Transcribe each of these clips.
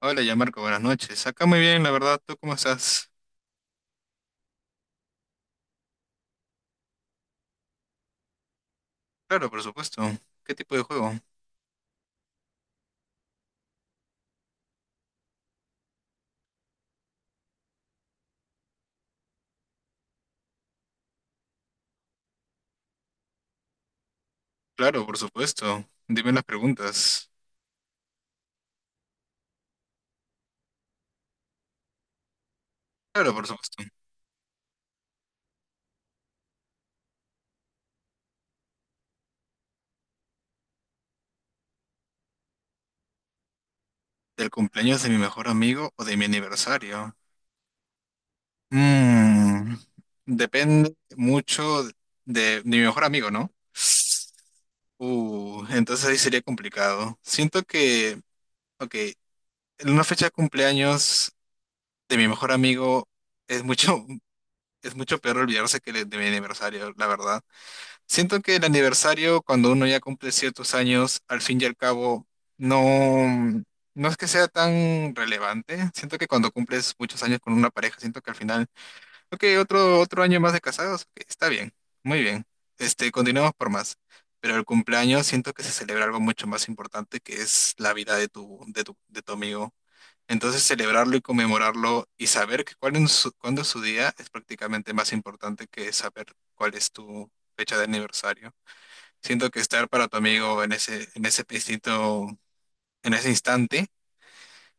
Hola, ya Marco, buenas noches. Acá muy bien, la verdad. ¿Tú cómo estás? Claro, por supuesto. ¿Qué tipo de juego? Claro, por supuesto. Dime las preguntas. Claro, por supuesto. ¿Del cumpleaños de mi mejor amigo o de mi aniversario? Mm, depende mucho de mi mejor amigo, ¿no? Entonces ahí sería complicado. Siento que, ok, en una fecha de cumpleaños de mi mejor amigo es mucho, es mucho peor olvidarse que de mi aniversario, la verdad. Siento que el aniversario, cuando uno ya cumple ciertos años, al fin y al cabo, no, no es que sea tan relevante. Siento que cuando cumples muchos años con una pareja, siento que al final, ok, otro año más de casados, ok, está bien, muy bien. Este, continuemos por más. Pero el cumpleaños siento que se celebra algo mucho más importante que es la vida de de tu amigo. Entonces celebrarlo y conmemorarlo y saber que cuál es su, cuándo es su día es prácticamente más importante que saber cuál es tu fecha de aniversario. Siento que estar para tu amigo en ese instinto, en ese instante,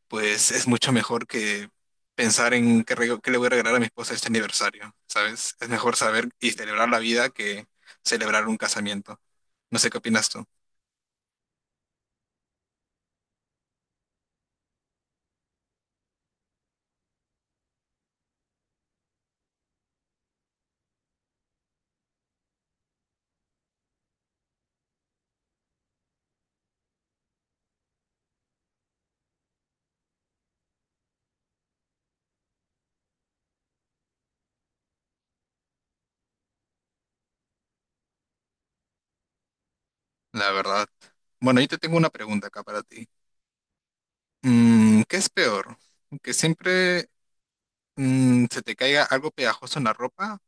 pues es mucho mejor que pensar en qué le voy a regalar a mi esposa este aniversario, ¿sabes? Es mejor saber y celebrar la vida que celebrar un casamiento. No sé qué opinas tú, la verdad. Bueno, yo te tengo una pregunta acá para ti. Mm, ¿qué es peor? ¿Que siempre se te caiga algo pegajoso en la ropa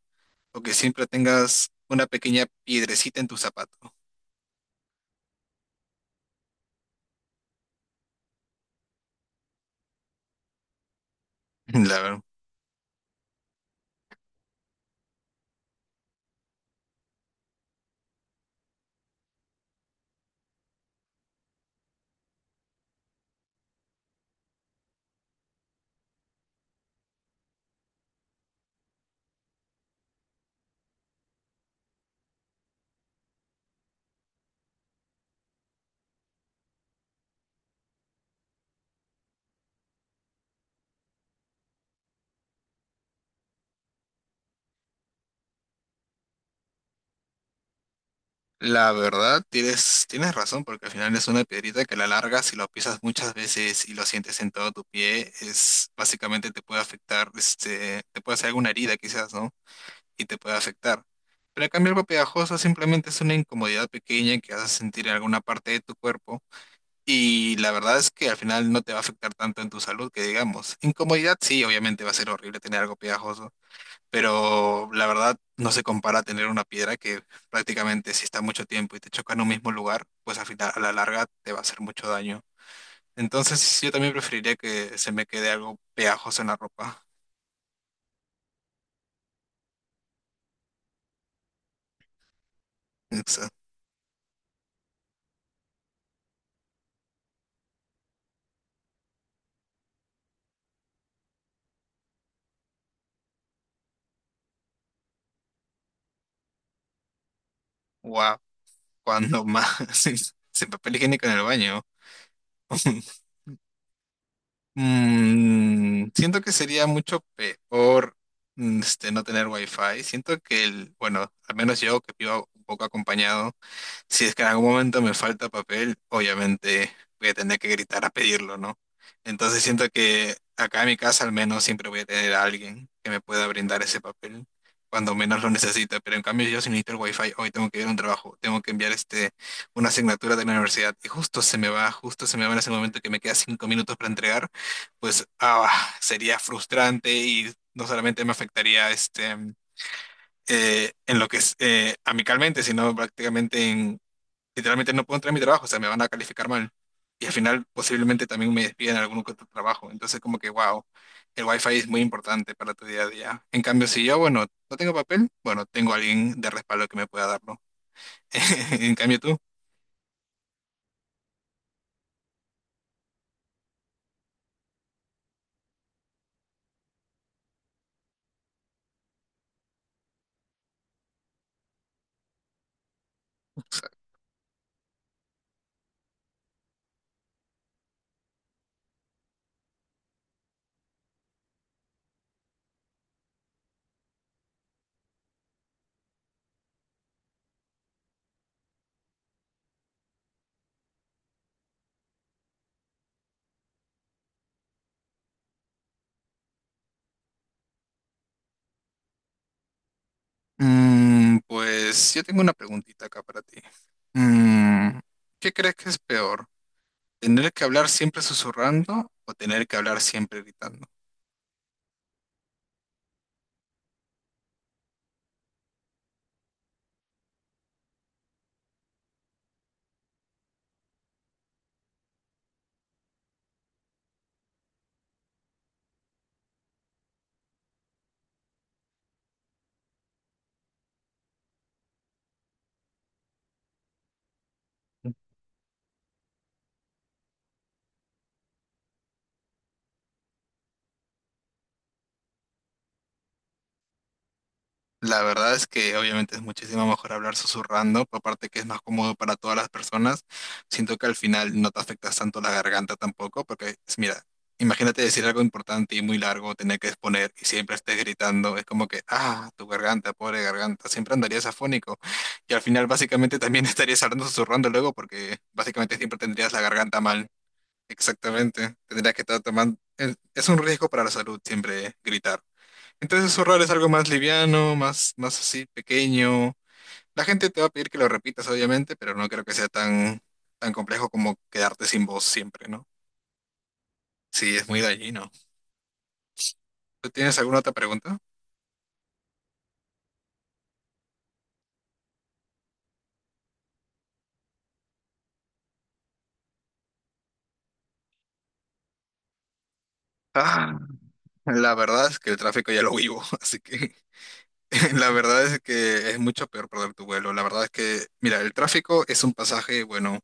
o que siempre tengas una pequeña piedrecita en tu zapato? La verdad. La verdad, tienes razón, porque al final es una piedrita que a la larga, si lo pisas muchas veces y lo sientes en todo tu pie, es básicamente te puede afectar, este, te puede hacer alguna herida quizás, ¿no? Y te puede afectar. Pero en cambio algo pegajoso simplemente es una incomodidad pequeña que vas a sentir en alguna parte de tu cuerpo y la verdad es que al final no te va a afectar tanto en tu salud que digamos. Incomodidad sí, obviamente va a ser horrible tener algo pegajoso, pero la verdad no se compara a tener una piedra que prácticamente si está mucho tiempo y te choca en un mismo lugar, pues al final, a la larga te va a hacer mucho daño. Entonces yo también preferiría que se me quede algo pegajoso en la ropa. Wow, cuando más sin, sin papel higiénico en el baño. Mm, siento que sería mucho peor este, no tener wifi. Siento que el, bueno, al menos yo que vivo un poco acompañado. Si es que en algún momento me falta papel, obviamente voy a tener que gritar a pedirlo, ¿no? Entonces siento que acá en mi casa al menos siempre voy a tener a alguien que me pueda brindar ese papel cuando menos lo necesita. Pero en cambio yo si necesito el wifi, hoy tengo que ir a un trabajo, tengo que enviar este, una asignatura de la universidad y justo se me va en ese momento que me queda 5 minutos para entregar, pues ah, sería frustrante y no solamente me afectaría este en lo que es amicalmente, sino prácticamente en, literalmente no puedo entrar a mi trabajo, o sea, me van a calificar mal. Y al final posiblemente también me despiden en algún que otro trabajo. Entonces como que, wow, el wifi es muy importante para tu día a día. En cambio, si yo, bueno, no tengo papel, bueno, tengo alguien de respaldo que me pueda darlo. En cambio tú, pues yo tengo una preguntita acá para ti. Mm, ¿qué crees que es peor? ¿Tener que hablar siempre susurrando o tener que hablar siempre gritando? La verdad es que obviamente es muchísimo mejor hablar susurrando, pero aparte que es más cómodo para todas las personas. Siento que al final no te afectas tanto la garganta tampoco, porque es- mira, imagínate decir algo importante y muy largo, tener que exponer y siempre estés gritando, es como que, ah, tu garganta, pobre garganta, siempre andarías afónico. Y al final básicamente también estarías hablando susurrando luego, porque básicamente siempre tendrías la garganta mal. Exactamente, tendrías que estar tomando... Es un riesgo para la salud siempre gritar. Entonces zurrar es algo más liviano, más así, pequeño. La gente te va a pedir que lo repitas, obviamente, pero no creo que sea tan, tan complejo como quedarte sin voz siempre, ¿no? Sí, es muy dañino. ¿Tú tienes alguna otra pregunta? Ah, la verdad es que el tráfico ya lo vivo, así que la verdad es que es mucho peor perder tu vuelo. La verdad es que, mira, el tráfico es un pasaje, bueno,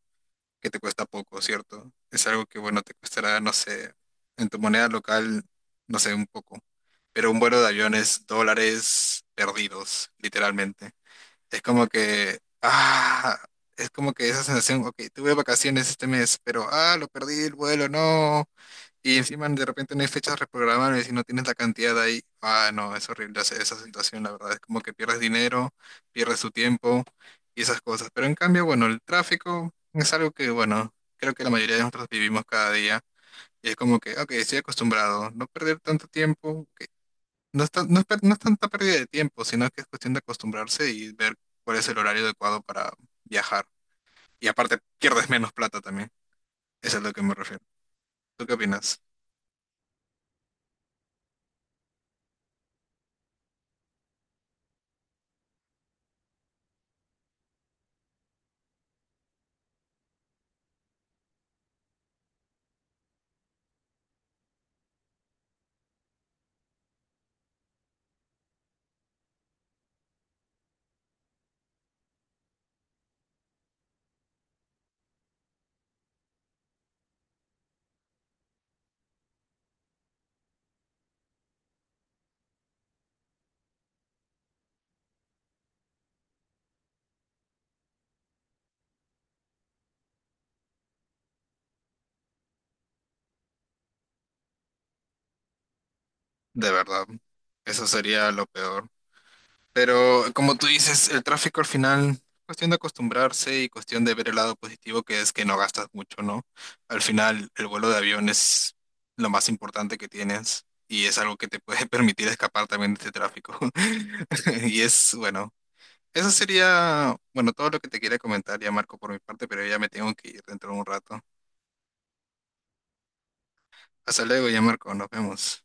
que te cuesta poco, ¿cierto? Es algo que, bueno, te costará, no sé, en tu moneda local, no sé, un poco. Pero un vuelo de aviones dólares perdidos, literalmente. Es como que, ah, es como que esa sensación, ok, tuve vacaciones este mes, pero, ah, lo perdí el vuelo, no. Y encima de repente no hay fechas reprogramables y no tienes la cantidad ahí. Ah, no, es horrible esa situación, la verdad. Es como que pierdes dinero, pierdes tu tiempo y esas cosas. Pero en cambio, bueno, el tráfico es algo que, bueno, creo que la mayoría de nosotros vivimos cada día. Y es como que, ok, estoy acostumbrado, no perder tanto tiempo, ok, no es tanta pérdida de tiempo, sino que es cuestión de acostumbrarse y ver cuál es el horario adecuado para viajar. Y aparte, pierdes menos plata también. Eso es a lo que me refiero. ¿Tú qué opinas? De verdad, eso sería lo peor. Pero como tú dices, el tráfico al final, cuestión de acostumbrarse y cuestión de ver el lado positivo, que es que no gastas mucho, ¿no? Al final, el vuelo de avión es lo más importante que tienes y es algo que te puede permitir escapar también de este tráfico. Y es, bueno. Eso sería, bueno, todo lo que te quería comentar ya, Marco, por mi parte, pero ya me tengo que ir dentro de un rato. Hasta luego ya, Marco, nos vemos.